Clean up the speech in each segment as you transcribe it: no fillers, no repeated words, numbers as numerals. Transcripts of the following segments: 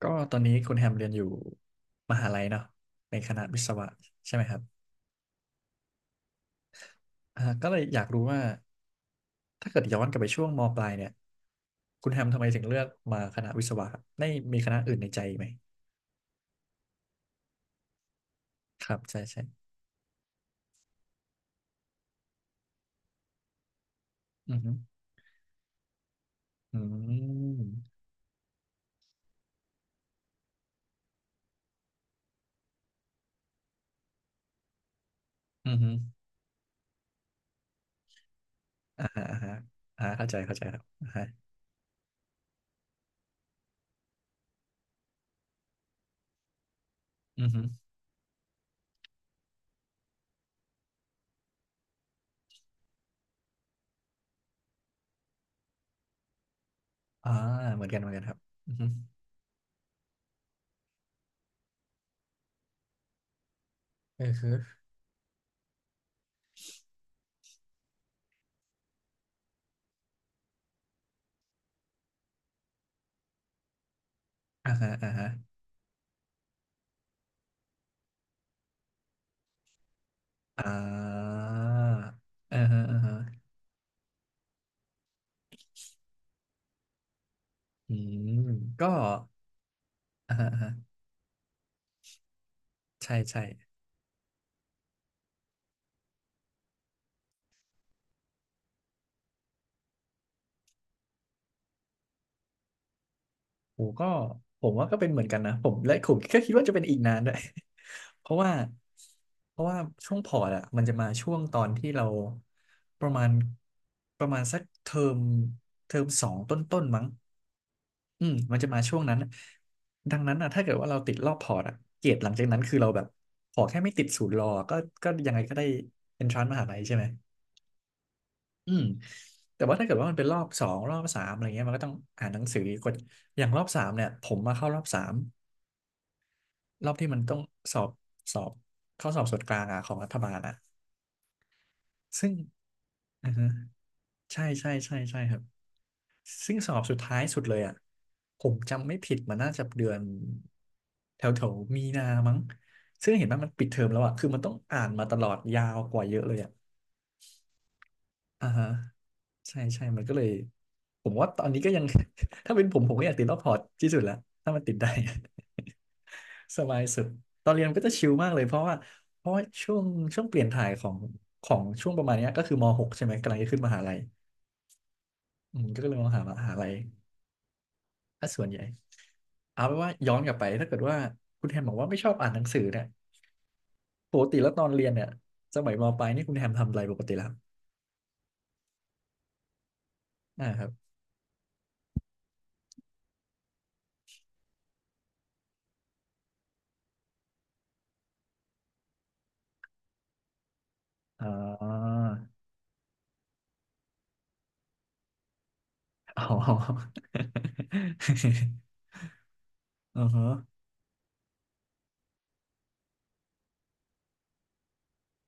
ก็ตอนนี้คุณแฮมเรียนอยู่มหาลัยเนาะในคณะวิศวะใช่ไหมครับก็เลยอยากรู้ว่าถ้าเกิดย้อนกลับไปช่วงมปลายเนี่ยคุณแฮมทำไมถึงเลือกมาคณะวิศวะครับได้มีคณะอื่นในใจไหมครับใช่ใช่อือฮึอืมอือฮึอ่าฮะอ่าฮะอ่าเข้าใจเข้าใจครับอ่าฮะอือฮึอ่าเหมือนกันเหมือนกันครับอือฮึเออคืออ่าฮะอ่าฮะอ่าอ่าฮะอ่าฮะอืมก็อ่าฮะอ่าฮะ ใช่ใช่โอ้ก็ผมว่าก็เป็นเหมือนกันนะผมและผมก็คิดว่าจะเป็นอีกนานด้วย เพราะว่าเพราะว่าช่วงพอร์ตอะมันจะมาช่วงตอนที่เราประมาณประมาณสักเทอมเทอมสองต้นมั้งอืมมันจะมาช่วงนั้น ดังนั้นอะถ้าเกิดว่าเราติดรอบพอร์ตอะเกรดหลังจากนั้นคือเราแบบขอแค่ไม่ติดศูนย์รอก็ก็ยังไงก็ได้เอนทรานซ์มหาลัยใช่ไหม อืมแต่ว่าถ้าเกิดว่ามันเป็นรอบสองรอบสามอะไรเงี้ยมันก็ต้องอ่านหนังสืออีกคนอย่างรอบสามเนี่ยผมมาเข้ารอบสามรอบที่มันต้องสอบสอบข้อสอบส่วนกลางอะของรัฐบาลอะซึ่งอือฮึใช่ใช่ใช่ใช่ครับซึ่งสอบสุดท้ายสุดเลยอะผมจำไม่ผิดมันน่าจะเดือนแถวแถวมีนามั้งซึ่งเห็นว่ามันปิดเทอมแล้วอะคือมันต้องอ่านมาตลอดยาวกว่าเยอะเลยอะ อ่าฮะใช่ใช่มันก็เลยผมว่าตอนนี้ก็ยัง ถ้าเป็นผมผมก็อยากติดรอบพอร์ตที่สุดละถ้ามันติดได้ สบายสุดตอนเรียนมันก็จะชิลมากเลยเพราะว่าเพราะว่าช่วงช่วงเปลี่ยนถ่ายของของช่วงประมาณเนี้ยก็คือม .6 ใช่ไหมกำลังจะขึ้นมหาลัยอืมก็เลยมหาลัยถ้าส่วนใหญ่เอาเป็นว่าย้อนกลับไปถ้าเกิดว่าคุณแฮมบอกว่าไม่ชอบอ่านหนังสือเนี่ยปกติแล้วตอนเรียนเนี่ยสมัยมปลายนี่คุณแฮมทำอะไรปกติแล้วอ่าครับอ๋ออ๋อ อือฮะ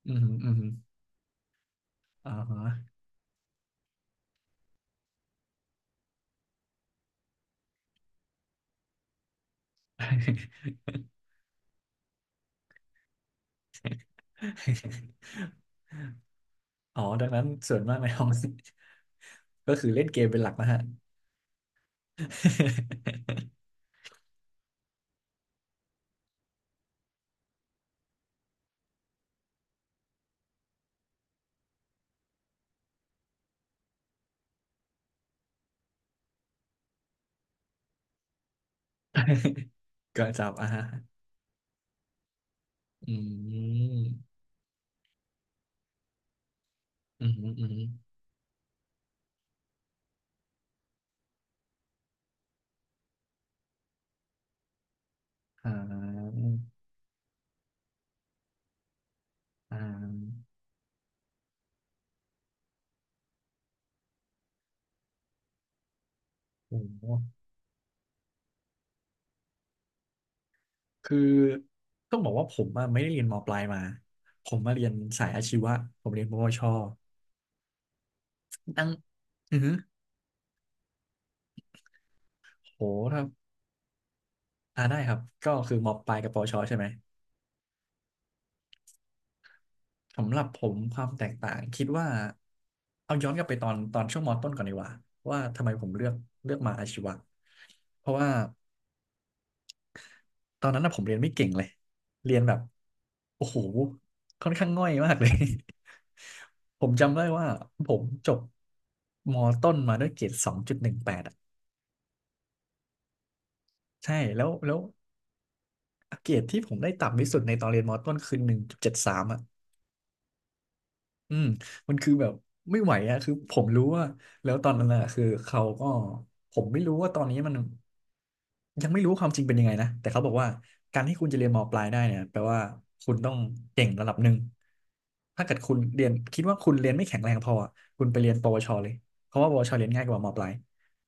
อือฮึอือฮึอ่าฮะ อ๋อดังนั้นส่วนมากในห้อง ก็คือเล่นเกมเป็นหลักนะฮะ ก็จับอ่ะฮะอืมอืมอืมอ่าอ่าโอ้โหคือต้องบอกว่าผมอะไม่ได้เรียนมปลายมาผมมาเรียนสายอาชีวะผมเรียนปวชตั้งอือหือโหครับอ่าได้ครับก็คือมปลายกับปวชใช่ไหม สำหรับผมความแตกต่างคิดว่าเอาย้อนกลับไปตอนช่วงมต้นก่อนดีกว่าว่าทำไมผมเลือกเลือกมาอาชีวะเพราะว่าตอนนั้นนะผมเรียนไม่เก่งเลยเรียนแบบโอ้โหค่อนข้างง่อยมากเลย ผมจำได้ว่าผมจบมต้นมาด้วยเกรดสองจุดหนึ่งแปดอ่ะใช่แล้วแล้วเกรดที่ผมได้ต่ำที่สุดในตอนเรียนมต้นคือหนึ่งจุดเจ็ดสามอ่ะ อืมมันคือแบบไม่ไหวอะคือผมรู้ว่าแล้วตอนนั้นอะคือเขาก็ผมไม่รู้ว่าตอนนี้มันยังไม่รู้ความจริงเป็นยังไงนะแต่เขาบอกว่าการที่คุณจะเรียนมปลายได้เนี่ยแปลว่าคุณต้องเก่งระดับหนึ่งถ้าเกิดคุณเรียนคิดว่าคุณเรียนไม่แข็งแรงพออะคุณไปเรียนปวชเลยเพราะว่าปวชเรียนง่ายกว่ามปลาย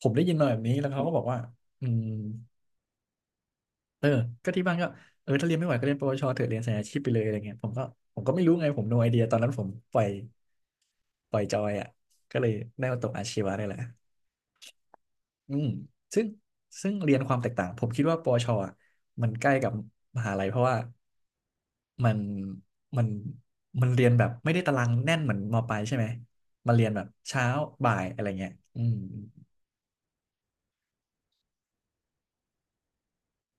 ผมได้ยินมาแบบนี้แล้วเขาก็บอกว่าอืม เออก็ที่บ้านก็เออถ้าเรียนไม่ไหวก็เรียนปวชเถอะเรียนสายอาชีพไปเลยอะไรเงี้ยผมก็ผมก็ไม่รู้ไงผม no idea ตอนนั้นผมปล่อยปล่อยจอยอ่ะก็เลยได้มาตกอาชีวะได้แหละอืมซึ่งซึ่งเรียนความแตกต่างผมคิดว่าปวชอะมันใกล้กับมหาลัยเพราะว่ามันมันมันเรียนแบบไม่ได้ตารางแน่นเหมือนมปลายใช่ไหมมันเรียนแบบเช้าบ่ายอะไรเงี้ยอืม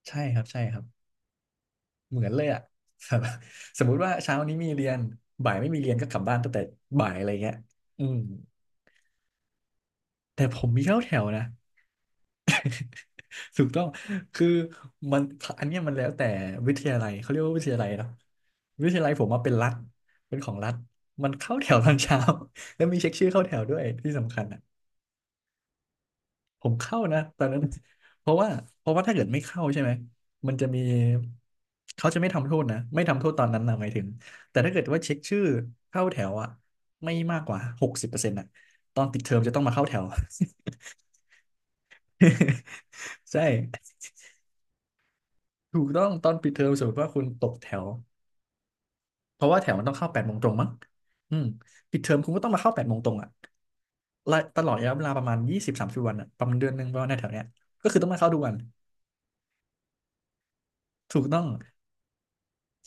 ใช่ครับใช่ครับ เหมือนเลยอ่ะ สมมุติว่าเช้านี้มีเรียนบ่ายไม่มีเรียนก็กลับบ้านตั้งแต่บ่ายอะไรเงี้ยอืมแต่ผมมีเข้าแถวนะถูกต้องคือมันอันเนี้ยมันแล้วแต่วิทยาลัยเขาเรียกว่าวิทยาลัยเนาะวิทยาลัยผมมาเป็นรัฐเป็นของรัฐมันเข้าแถวตอนเช้า แล้วมีเช็คชื่อเข้าแถวด้วยที่สำคัญ ผมเข้านะตอนนั้นเพราะว่าเพราะว่าถ้าเกิดไม่เข้าใช่ไหมมันจะมีเขาจะไม่ทำโทษนะไม่ทำโทษตอนนั้นนะหมายถึงแต่ถ้าเกิดว่าเช็คชื่อเข้าแถวอะไม่มากกว่า60%อะตอนติดเทอมจะต้องมาเข้าแถว ใช่ถูกต้องตอนปิดเทอมสมมติว่าคุณตกแถวเพราะว่าแถวมันต้องเข้าแปดโมงตรงมั้งอืมปิดเทอมคุณก็ต้องมาเข้าแปดโมงตรงอะและตลอดระยะเวลาประมาณ20-30 วันอะประมาณเดือนหนึ่งประมาณในแถวเนี้ยก็คือต้องมาเข้าทุกวันถูกต้อง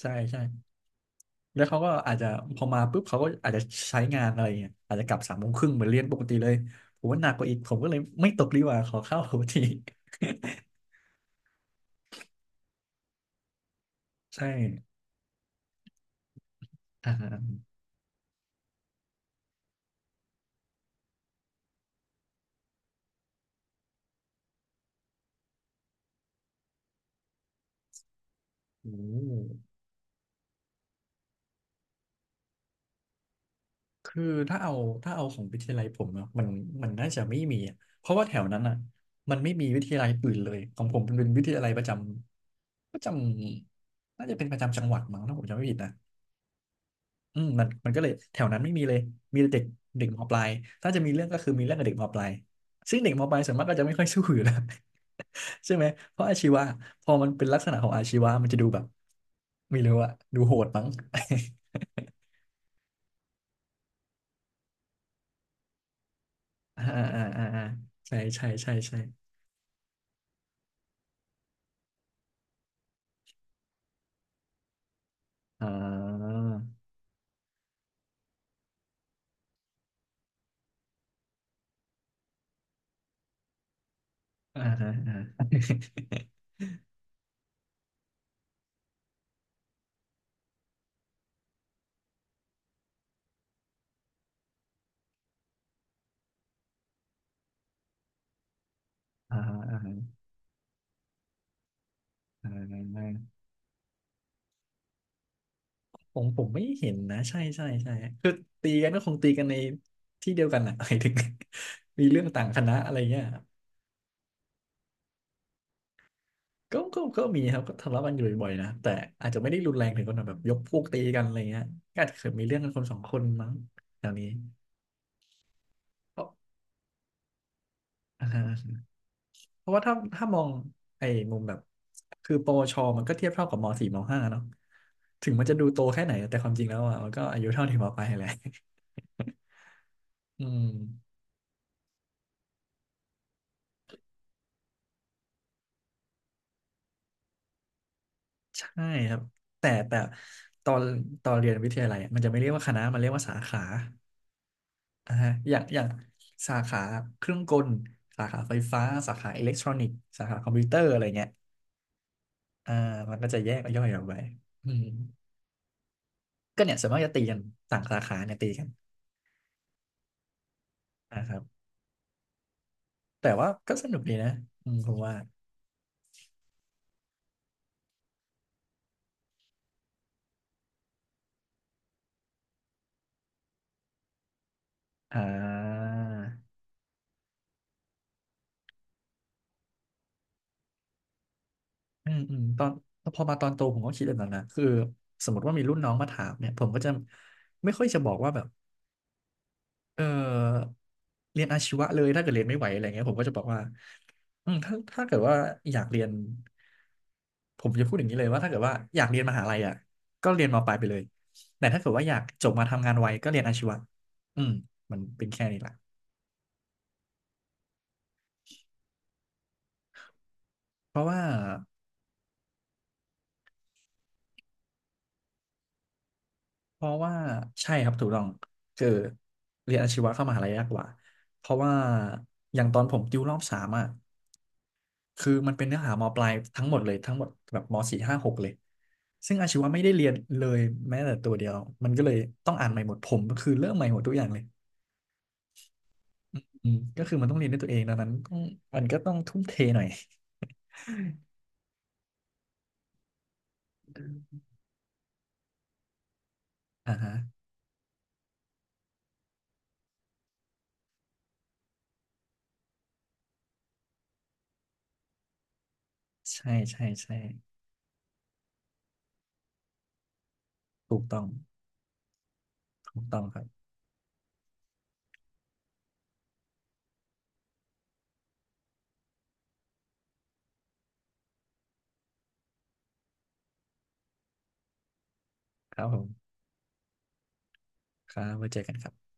ใช่ใช่ แล้วเขาก็อาจจะพอมาปุ๊บเขาก็อาจจะใช้งานอะไรเงี้ยอาจจะกลับ3 โมงครึ่งเหมือนเรียนปกติเลยผมว่าหนักกว่าอีกผมก็เลยไม่ตกดีกว่าขอเข้าปกติ ใช่อ่าฮะโอ้คือถ้าเอาถ้าเอาของวิทยาลัยผมเนาะมันน่าจะไม่มีอะเพราะว่าแถวนั้นอ่ะมันไม่มีวิทยาลัยอื่นเลยของผมเป็นวิทยาลัยประจำประจำน่าจะเป็นประจำจังหวัดมั้งถ้าผมจำไม่ผิดนะ อืมมันก็เลยแถวนั้นไม่มีเลยมีแต่เด็กเด็กมปลายถ้าจะมีเรื่องก็คือมีเรื่องกับเด็กมปลายซึ่งเด็กมปลายส่วนมากก็จะไม่ค่อยสู้อยู่แล้ว ใช่ไหมเพราะอาชีวะพอมันเป็นลักษณะของอาชีวะมันจะดูแบบไม่รู้อะดูโหดมั้ง อ่าอ่าอ่าอ่าใช่ใช่ใช่ใช่อ่าอ่าอ่า อ่าอ่าอ่า ผมไม่เห็นนะใช่ใช่ใช่คือตีกันก็คงตีกันในที่เดียวกันนะ หมายถึง มีเรื่องต่างคณะอะไรเงี้ยก็มีครับก็ทะเลาะกันอยู่บ่อยๆนะแต่อาจจะไม่ได้รุนแรงถึงขนาดแบบยกพวกตีกันอะไรเงี้ยก็อาจจะเคยมีเรื่องกันคนสองคนมั้งแถวนี้เพราะอ่าฮะเพราะว่าถ้ามองไอ้มุมแบบคือปวชมันก็เทียบเท่ากับมสี่มห้าเนาะถึงมันจะดูโตแค่ไหนแต่ความจริงแล้วอ่ะมันก็อายุเท่าถึงมปลายแหละ อืม ใช่ครับแต่ตอนตอนเรียนวิทยาลัยอะมันจะไม่เรียกว่าคณะมันเรียกว่าสาขาอ่าฮะอย่างสาขาเครื่องกลสาขาไฟฟ้าสาขาอิเล็กทรอนิกส์สาขาคอมพิวเตอร์อะไรเงี้ยอ่ามันก็จะแยกย่อยออกไปอืมก็เนี่ยส่วนมากจะตีกันต่างสาขาเนี่ยตีกันนะครับแต่ว่าก็สนุกดีนะอืมผมว่าอ่าอืมอืมตอนพอมาตอนโตผมก็คิดแบบนั้นนะคือสมมติว่ามีรุ่นน้องมาถามเนี่ยผมก็จะไม่ค่อยจะบอกว่าแบบ เออเรียนอาชีวะเลยถ้าเกิดเรียนไม่ไหวอะไรเงี้ยผมก็จะบอกว่าอืมถ้าเกิดว่าอยากเรียนผมจะพูดอย่างนี้เลยว่าถ้าเกิดว่าอยากเรียนมหาลัยอ่ะก็เรียนมปลายไปเลยแต่ถ้าเกิดว่าอยากจบมาทำงานไวก็เรียนอาชีวะอืมมันเป็นแค่นี้แหละเพราะว่าเพราะว่าใช่ครับถูกต้องคือเรียนอาชีวะเข้ามหาลัยยากกว่าเพราะว่าอย่างตอนผมติวรอบสามอ่ะ คือมันเป็นเนื้อหามปลายทั้งหมดเลยทั้งหมดแบบมสี่ห้าหกเลยซึ่งอาชีวะไม่ได้เรียนเลยแม้แต่ตัวเดียวมันก็เลยต้องอ่านใหม่หมดผมก็คือเริ่มใหม่หมดทุกอย่างเลยอืมก็คือมันต้องเรียนด้วยตัวเองดังนั้นต้องมันก็ต้องทุ่มเทหน่อยอ่าฮะใช่ใช่ใช่ถูกต้องถูกต้องครับครับผมครับไว้เจอกันครับ